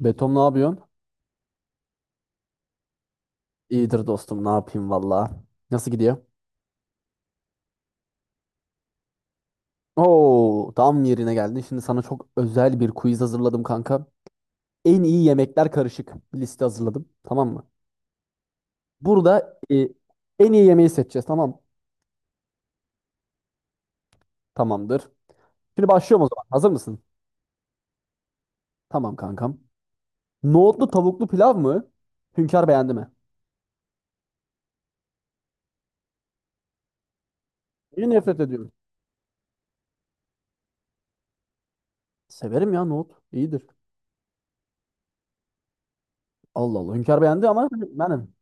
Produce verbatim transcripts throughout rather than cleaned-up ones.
Betom ne yapıyorsun? İyidir dostum ne yapayım valla. Nasıl gidiyor? Oo tam yerine geldin. Şimdi sana çok özel bir quiz hazırladım kanka. En iyi yemekler karışık bir liste hazırladım. Tamam mı? Burada e, en iyi yemeği seçeceğiz tamam. Tamamdır. Şimdi başlıyorum o zaman. Hazır mısın? Tamam kankam. Nohutlu tavuklu pilav mı? Hünkar beğendi mi? Niye nefret ediyorum? Severim ya nohut. İyidir. Allah Allah. Hünkar beğendi ama benim.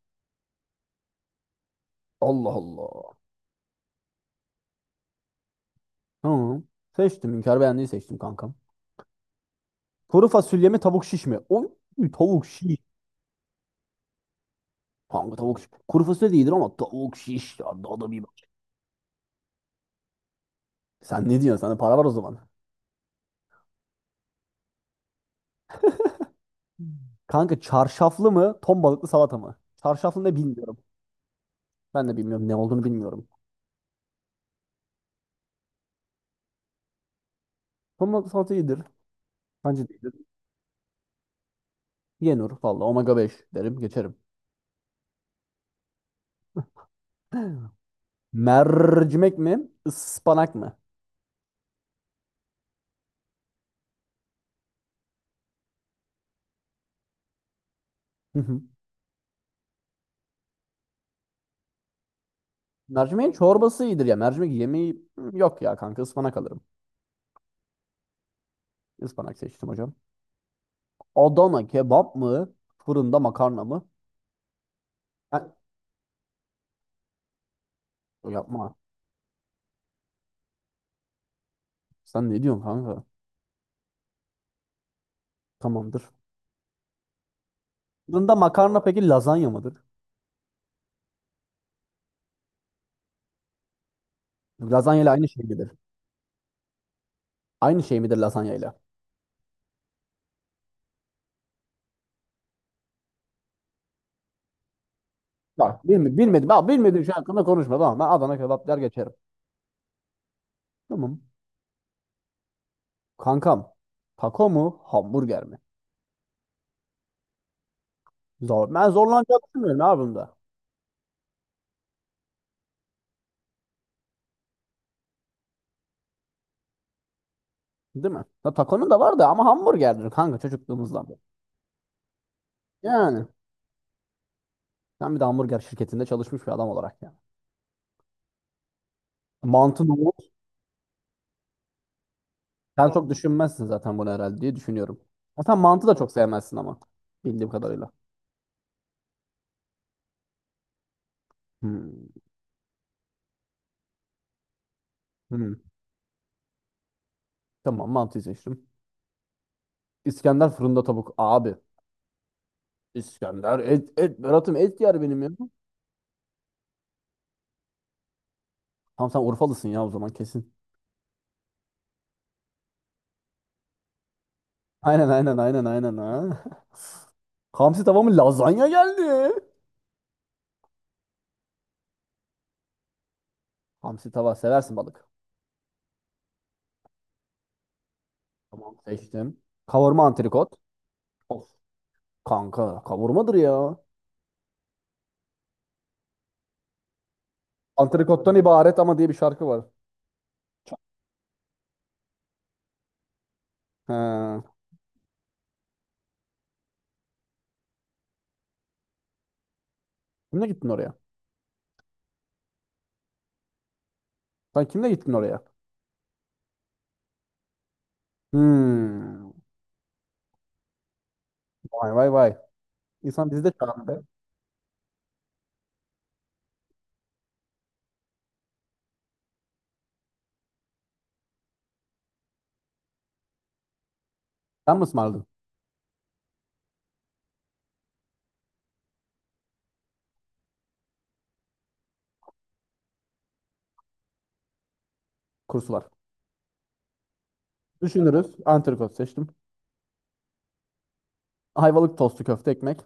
Allah Allah. Tamam. Seçtim. Hünkar beğendiği seçtim kankam. Kuru fasulye mi tavuk şiş mi? Oy, tavuk şiş. Kanka tavuk şiş. Kuru fasulye de iyidir ama tavuk şiş. Ya, daha da bir bak. Sen ne diyorsun? Sende para var o zaman. Kanka çarşaflı mı? Ton balıklı salata mı? Çarşaflı ne bilmiyorum. Ben de bilmiyorum. Ne olduğunu bilmiyorum. Ton balıklı salata iyidir. Bence de iyidir. Yenir. Valla omega beş derim. Geçerim. Mercimek mi? Ispanak mı? Hı hı. Mercimeğin çorbası iyidir ya. Mercimek yemeği hmm, yok ya kanka. Ispanak alırım. Ispanak seçtim hocam. Adana kebap mı? Fırında makarna mı? Ha, yapma. Sen ne diyorsun kanka? Tamamdır. Bunda makarna peki lazanya mıdır? Lazanya ile aynı şey midir? Aynı şey midir lazanya ile? Bak bilmi Bilmedim. Bak bilmediğin şey hakkında konuşma. Tamam ben Adana kebap der geçerim. Tamam. Kankam. Taco mu? Hamburger mi? Zor. Ben zorlanacak düşünmüyorum abi bunda. Değil mi? Ya takonun da var da ama hamburgerdir kanka çocukluğumuzdan beri. Yani. Sen bir de hamburger şirketinde çalışmış bir adam olarak yani. Mantı mı? Sen çok düşünmezsin zaten bunu herhalde diye düşünüyorum. Ha, sen mantı da çok sevmezsin ama. Bildiğim kadarıyla. Hmm. Hmm. Tamam mantıyı seçtim. İskender fırında tavuk. Abi. İskender et, et Berat'ım et yer benim ya. Tamam sen Urfalısın ya o zaman kesin. Aynen aynen aynen aynen. Ha. Hamsi tava mı? Lazanya geldi. Hamsi tava seversin balık. Tamam seçtim. Kavurma antrikot. Of kanka kavurmadır ya. Antrikottan ibaret ama diye bir şarkı var. He. Kimle gittin oraya? Sen kimle gittin oraya? Hmm. Vay vay vay. İnsan bizi de çağırdı be. Sen mi ısmarladın? Kurs düşünürüz. Antrikot seçtim. Ayvalık tostu köfte ekmek.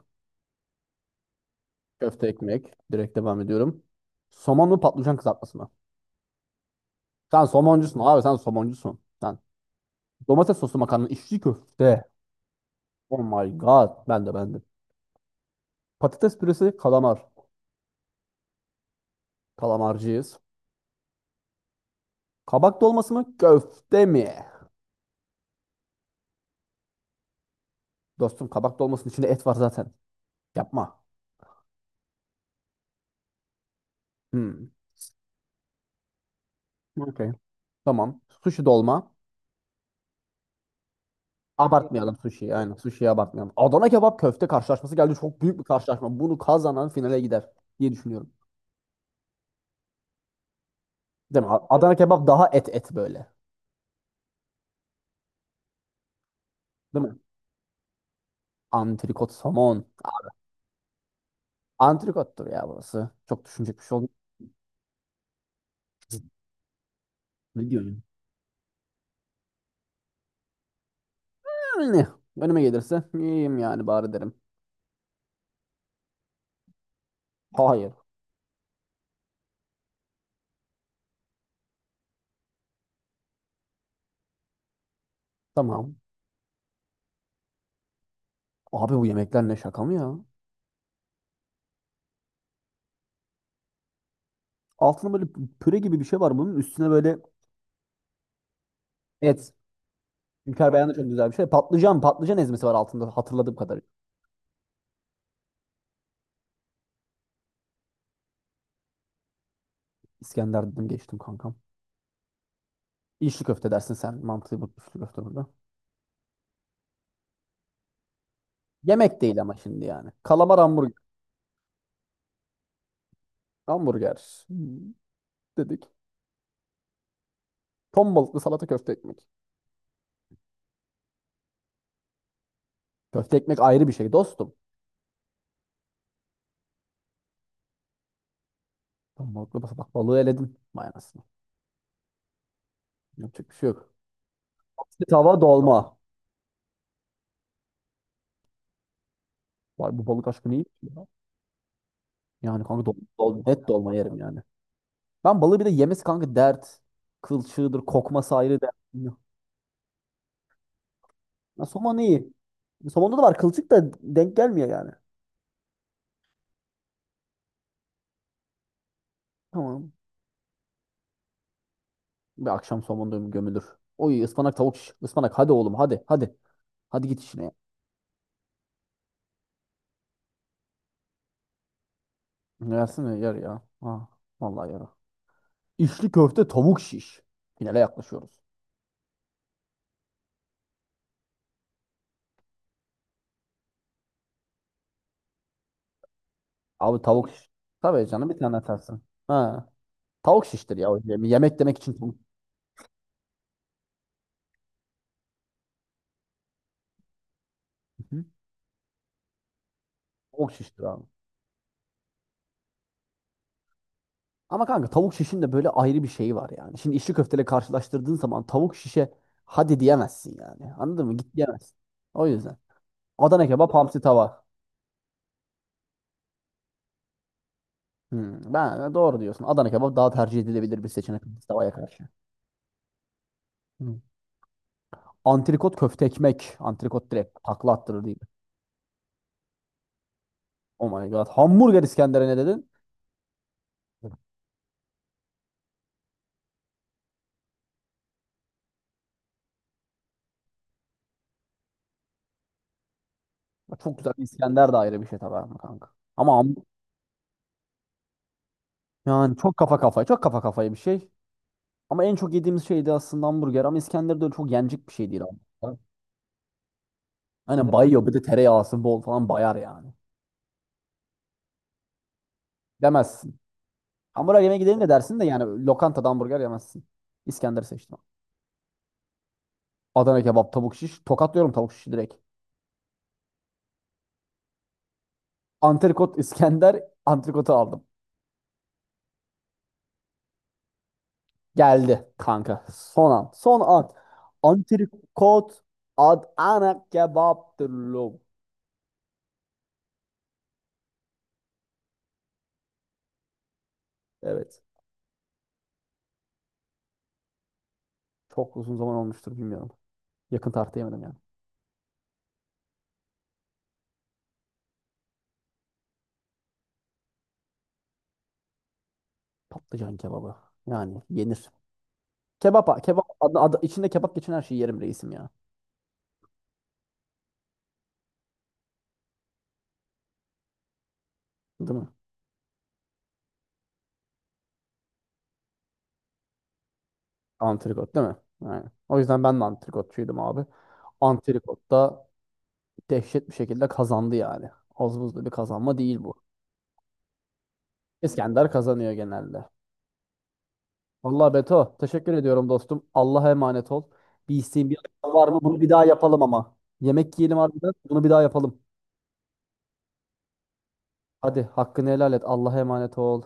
Köfte ekmek. Direkt devam ediyorum. Somon mu patlıcan kızartması mı? Sen somoncusun abi sen somoncusun. Sen domates soslu makarna içli köfte. Oh my god. Ben de ben de. Patates püresi kalamar. Kalamarcıyız. Kabak dolması mı köfte mi? Dostum kabak dolmasının içinde et var zaten. Yapma. Hmm. Okey. Tamam. Sushi dolma. Abartmayalım sushi'yi. Aynen sushi'yi abartmayalım. Adana kebap köfte karşılaşması geldi. Çok büyük bir karşılaşma. Bunu kazanan finale gider diye düşünüyorum. Değil mi? A- Adana kebap daha et et böyle. Değil mi? Antrikot somon. A- Antrikottur ya burası. Çok düşünecek bir şey oldu. Ne diyorsun? Yani önüme gelirse yiyeyim yani bari derim. Hayır. Tamam. Abi bu yemekler ne şaka mı ya? Altında böyle püre gibi bir şey var bunun. Üstüne böyle et. Hünkar beğendi çok güzel bir şey. Patlıcan, patlıcan ezmesi var altında hatırladığım kadarıyla. İskender dedim geçtim kankam. İçli köfte dersin sen. Mantığı bu içli köfte burada. Yemek değil ama şimdi yani. Kalamar hamburger. Hamburger. Hmm, dedik. Ton balıklı salata köfte ekmek. Köfte ekmek ayrı bir şey dostum. Ton balıklı bak bak balığı eledin. Vay anasını. Yapacak bir şey yok. Atlı Tava dolma. Vay bu balık aşkı neymiş ya? Yani kanka dol, dol, net dolma yerim yani. Ben balığı bir de yemesi kanka dert. Kılçığıdır, kokması ayrı dert. Ya, somon'u iyi. Somon'da da var kılçık da denk gelmiyor yani. Tamam. Bir akşam somonda gömülür. Oy ıspanak tavuk şiş. Ispanak hadi oğlum hadi hadi. Hadi git işine ya. Yersene yer ya. Ha, vallahi yer. İçli köfte tavuk şiş. Finale yaklaşıyoruz. Abi tavuk şiş. Tabii canım bir tane atarsın. Ha. Tavuk şiştir ya. o yeme- Yemek demek için tavuk, hı hı, tavuk şiştir abi. Ama kanka tavuk şişin de böyle ayrı bir şeyi var yani. Şimdi içli köfteyle karşılaştırdığın zaman tavuk şişe hadi diyemezsin yani. Anladın mı? Git diyemezsin. O yüzden. Adana kebap hamsi tava. Hmm, ben e, doğru diyorsun. Adana kebap daha tercih edilebilir bir seçenek tavaya karşı. Hmm. Antrikot köfte ekmek. Antrikot direkt takla attırır değil mi? Oh my god. Hamburger İskender'e ne dedin? Çok güzel bir İskender de ayrı bir şey tabii ama kanka. Ama ham- yani çok kafa kafaya, çok kafa kafaya bir şey. Ama en çok yediğimiz şeydi aslında hamburger ama İskender de öyle çok yenecek bir şey değil ama. Aynen bayıyor bir de tereyağısı bol falan bayar yani. Demezsin. Hamburger yemeye gidelim de dersin de yani lokantada hamburger yemezsin. İskender seçtim. Adana kebap, tavuk şiş. Tokatlıyorum tavuk şişi direkt. Antrikot İskender antrikotu aldım. Geldi kanka. Son an. Son an. Antrikot Adana kebaptır lo. Evet. Çok uzun zaman olmuştur bilmiyorum. Yakın tarihte yemedim yani. Patlıcan kebabı. Yani yenir. Kebap, kebap adı, adı- içinde kebap geçen her şeyi yerim reisim ya. Değil mi? Antrikot değil mi? Yani. O yüzden ben de antrikotçuydum abi. Antrikot da dehşet bir şekilde kazandı yani. Az buzlu bir kazanma değil bu. İskender kazanıyor genelde. Vallahi Beto, teşekkür ediyorum dostum. Allah'a emanet ol. Bir isteğin bir arzun var mı? Bunu bir daha yapalım ama. Yemek yiyelim harbiden. Bunu bir daha yapalım. Hadi hakkını helal et. Allah'a emanet ol.